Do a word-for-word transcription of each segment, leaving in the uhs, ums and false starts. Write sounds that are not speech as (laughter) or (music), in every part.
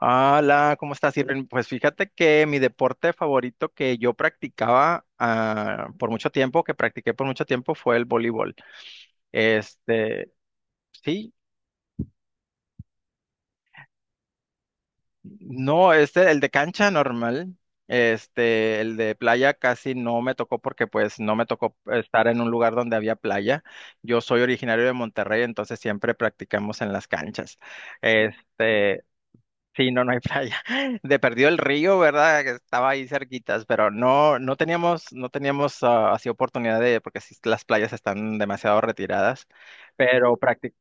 Hola, ¿cómo estás, Irving? Pues fíjate que mi deporte favorito que yo practicaba ah, por mucho tiempo, que practiqué por mucho tiempo, fue el voleibol. Este, sí, no, este, el de cancha normal, este, el de playa casi no me tocó porque pues no me tocó estar en un lugar donde había playa. Yo soy originario de Monterrey, entonces siempre practicamos en las canchas. Sí, no, no hay playa. (laughs) De perdido el río, ¿verdad? Que estaba ahí cerquitas, pero no, no teníamos, no teníamos ah, así oportunidad de, porque sí, las playas están demasiado retiradas. Pero practic-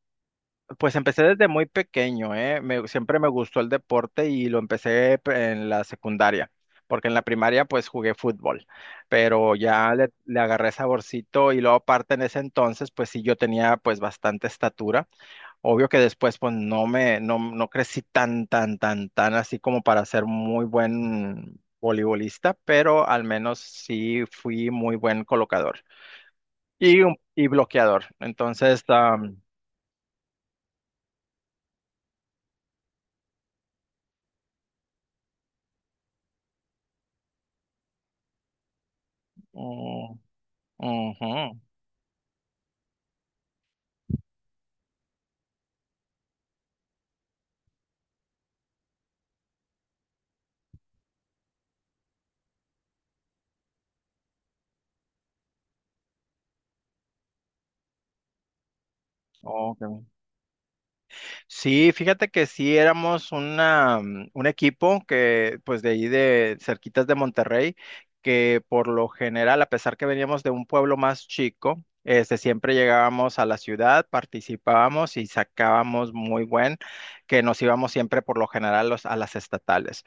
pues empecé desde muy pequeño, ¿eh? Me- siempre me gustó el deporte y lo empecé pe- en la secundaria, porque en la primaria pues jugué fútbol, pero ya le, le agarré saborcito y luego aparte en ese entonces pues sí yo tenía pues bastante estatura. Obvio que después, pues no me, no, no crecí tan, tan, tan, tan así como para ser muy buen voleibolista, pero al menos sí fui muy buen colocador y, un- y bloqueador. Entonces, am, mm, ujú, ok. Sí, fíjate que sí éramos una, mm, un equipo que, pues de ahí de cerquitas de Monterrey, que por lo general, a pesar que veníamos de un pueblo más chico, este, siempre llegábamos a la ciudad, participábamos y sacábamos muy buen, que nos íbamos siempre por lo general los- a las estatales.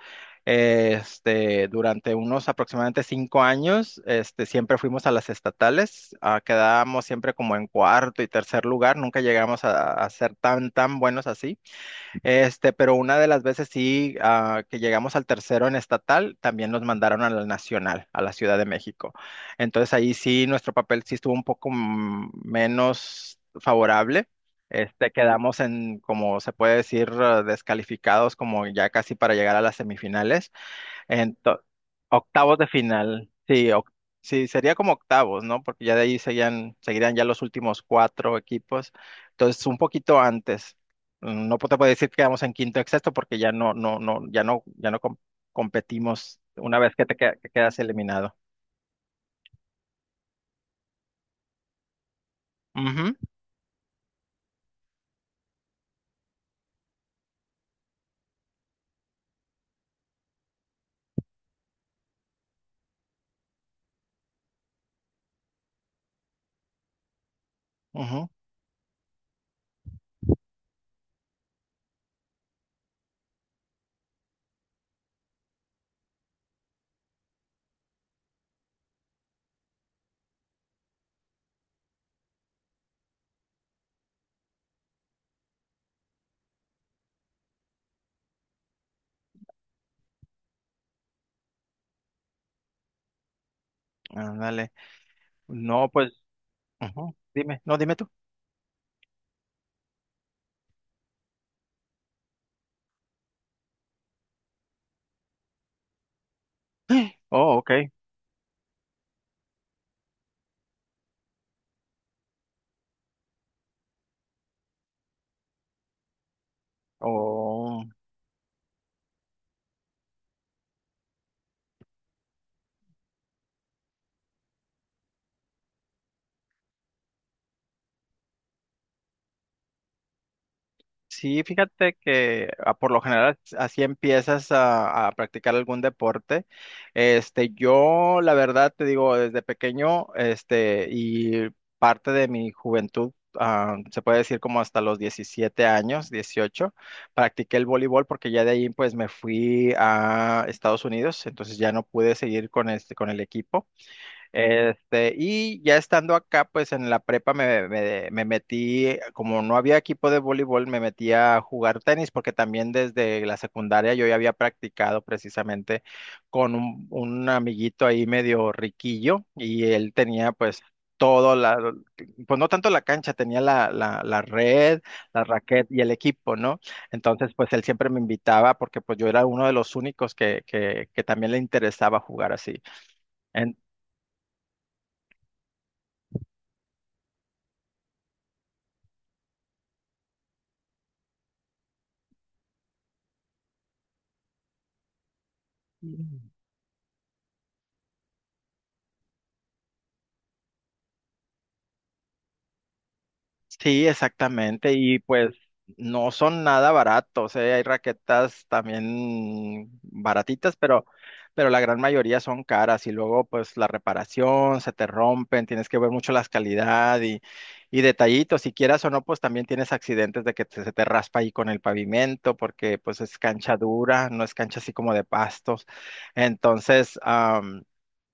Este, durante unos aproximadamente cinco años, este, siempre fuimos a las estatales, ah, quedábamos siempre como en cuarto y tercer lugar, nunca llegamos a, a ser tan, tan buenos así. Este, pero una de las veces sí, ah, que llegamos al tercero en estatal, también nos mandaron a la nacional, a la Ciudad de México. Entonces ahí sí, nuestro papel sí estuvo un poco mm, menos favorable. Este, quedamos en, como se puede decir, eh, descalificados como ya casi para llegar a las semifinales. Ento- Octavos de final, sí, oc- sí, sería como octavos, ¿no? Porque ya de ahí seguían, seguirían ya los últimos cuatro equipos, entonces un poquito antes. Mm, No te puedo decir que quedamos en quinto o sexto porque ya no, no, no, ya no, ya no com- competimos una vez que te que- que quedas eliminado. Ujú, ujú, ándale. No, pues, ujú, dime, no, dime tú. Oh, ok. Oh. Sí, fíjate que ah, por lo general así empiezas a, a practicar algún deporte. Este, yo la verdad te digo, desde pequeño, este, y parte de mi juventud, ah, se puede decir como hasta los diecisiete años, dieciocho, practiqué el voleibol porque ya de ahí pues me fui a Estados Unidos, entonces ya no pude seguir con este, con el equipo. Este, y ya estando acá, pues en la prepa me, me- me metí, como no había equipo de voleibol, me metí a jugar tenis, porque también desde la secundaria yo ya había practicado precisamente con un, un amiguito ahí medio riquillo, y él tenía pues todo la, pues no tanto la cancha, tenía la, la, la red, la raqueta y el equipo, ¿no? Entonces, pues él siempre me invitaba porque pues yo era uno de los únicos que, que, que también le interesaba jugar así. En- Sí, exactamente. Y pues no son nada baratos, ¿eh? Hay raquetas también baratitas, pero, pero la gran mayoría son caras. Y luego, pues, la reparación, se te rompen, tienes que ver mucho las calidad y, y detallitos. Si quieras o no, pues también tienes accidentes de que te- se te raspa ahí con el pavimento, porque pues es cancha dura, no es cancha así como de pastos. Entonces,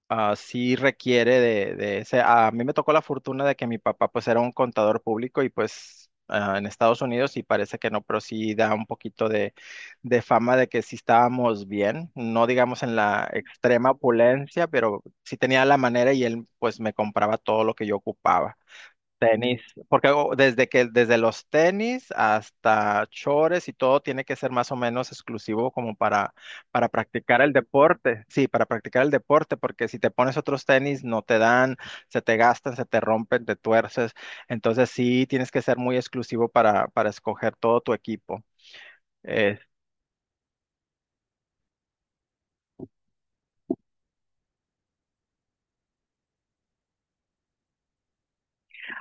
ah, sí requiere de, de ese. A mí me tocó la fortuna de que mi papá pues era un contador público y pues ah, en Estados Unidos y parece que no, pero sí da un poquito de, de fama de que sí estábamos bien, no digamos en la extrema opulencia, pero sí tenía la manera y él pues me compraba todo lo que yo ocupaba. Tenis, porque o- desde que desde los tenis hasta chores y todo tiene que ser más o menos exclusivo como para para practicar el deporte. Sí, para practicar el deporte, porque si te pones otros tenis no te dan, se te gastan, se te rompen, te tuerces. Entonces sí tienes que ser muy exclusivo para para escoger todo tu equipo. Eh,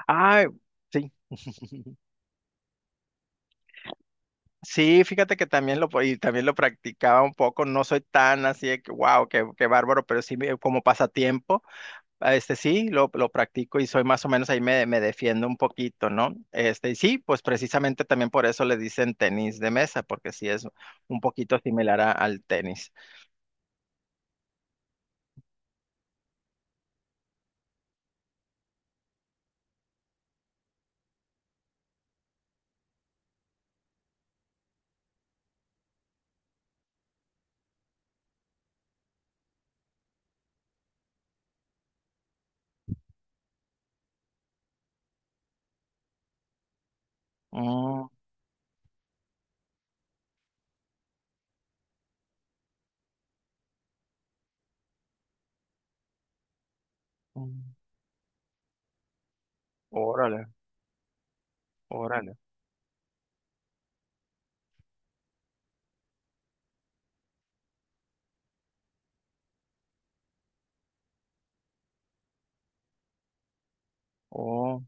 Ay, sí. (laughs) Sí, fíjate que también lo, po- y también lo practicaba un poco, no soy tan así de que, wow, qué, qué bárbaro, pero sí me- como pasatiempo. Ah, Este sí, lo, lo practico y soy más o menos ahí me, me defiendo un poquito, ¿no? Este, y sí, pues precisamente también por eso le dicen tenis de mesa, porque sí es un poquito similar a- al tenis. Mm, mm, órale, órale. Oh,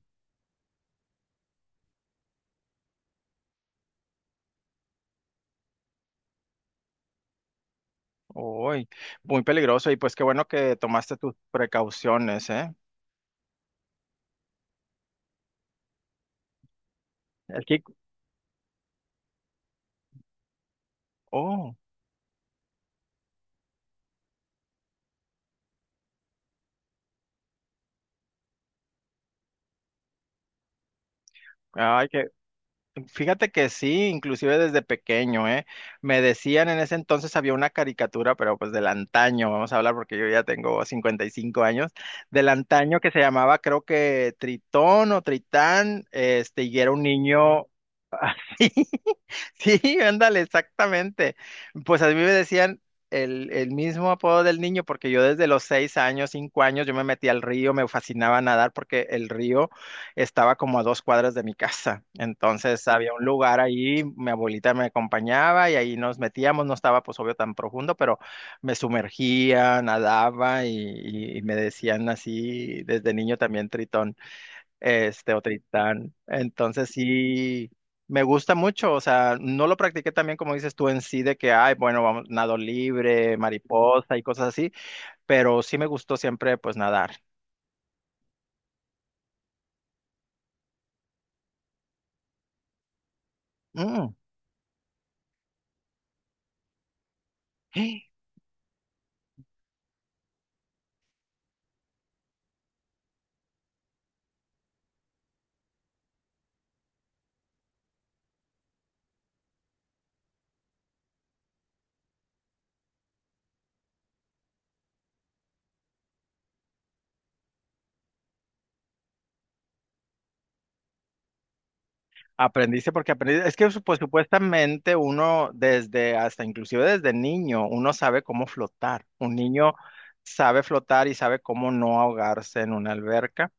uy, muy peligroso. Y pues qué bueno que tomaste tus precauciones, ¿eh? El kick, oh, ay, qué. Fíjate que sí, inclusive desde pequeño, ¿eh? Me decían en ese entonces había una caricatura, pero pues del antaño, vamos a hablar porque yo ya tengo cincuenta y cinco años, del antaño que se llamaba creo que Tritón o Tritán, este, y era un niño. (laughs) (laughs) Sí, ándale, exactamente. Pues a mí me decían el, el mismo apodo del niño, porque yo desde los seis años, cinco años, yo me metí al río, me fascinaba nadar porque el río estaba como a dos cuadras de mi casa. Entonces había un lugar ahí, mi abuelita me acompañaba y ahí nos metíamos, no estaba pues obvio tan profundo, pero me sumergía, nadaba y, y y me decían así desde niño también Tritón, este, o Tristán. Entonces sí, me gusta mucho, o sea, no lo practiqué también como dices tú en sí, de que, ay, bueno, vamos, nado libre, mariposa y cosas así, pero sí me gustó siempre, pues, nadar. Mm. (gasps) Aprendiste porque aprendiste, es que su- pues supuestamente uno desde, hasta inclusive desde niño, uno sabe cómo flotar. Un niño sabe flotar y sabe cómo no ahogarse en una alberca.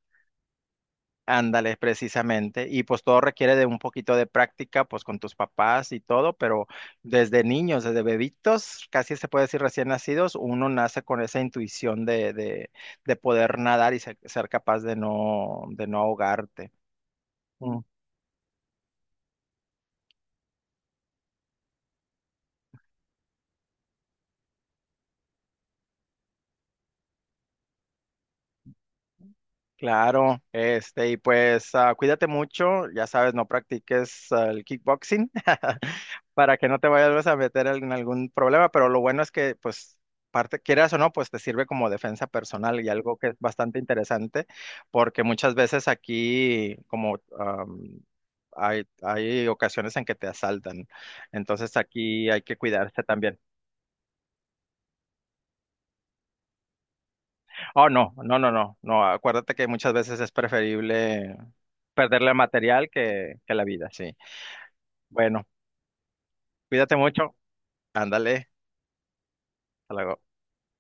Ándale, precisamente. Y pues todo requiere de un poquito de práctica, pues con tus papás y todo, pero desde niños, desde bebitos, casi se puede decir recién nacidos, uno nace con esa intuición de, de, de poder nadar y se- ser capaz de no, de no ahogarte. Claro, este, y pues ah, cuídate mucho, ya sabes, no practiques ah, el kickboxing (laughs) para que no te vayas a meter en algún problema, pero lo bueno es que, pues, parte, quieras o no, pues te sirve como defensa personal y algo que es bastante interesante, porque muchas veces aquí, como am, hay, hay ocasiones en que te asaltan, entonces aquí hay que cuidarse también. Oh, no, no, no, no, no. Acuérdate que muchas veces es preferible perderle material que, que la vida, sí. Bueno, cuídate mucho. Ándale, hasta luego.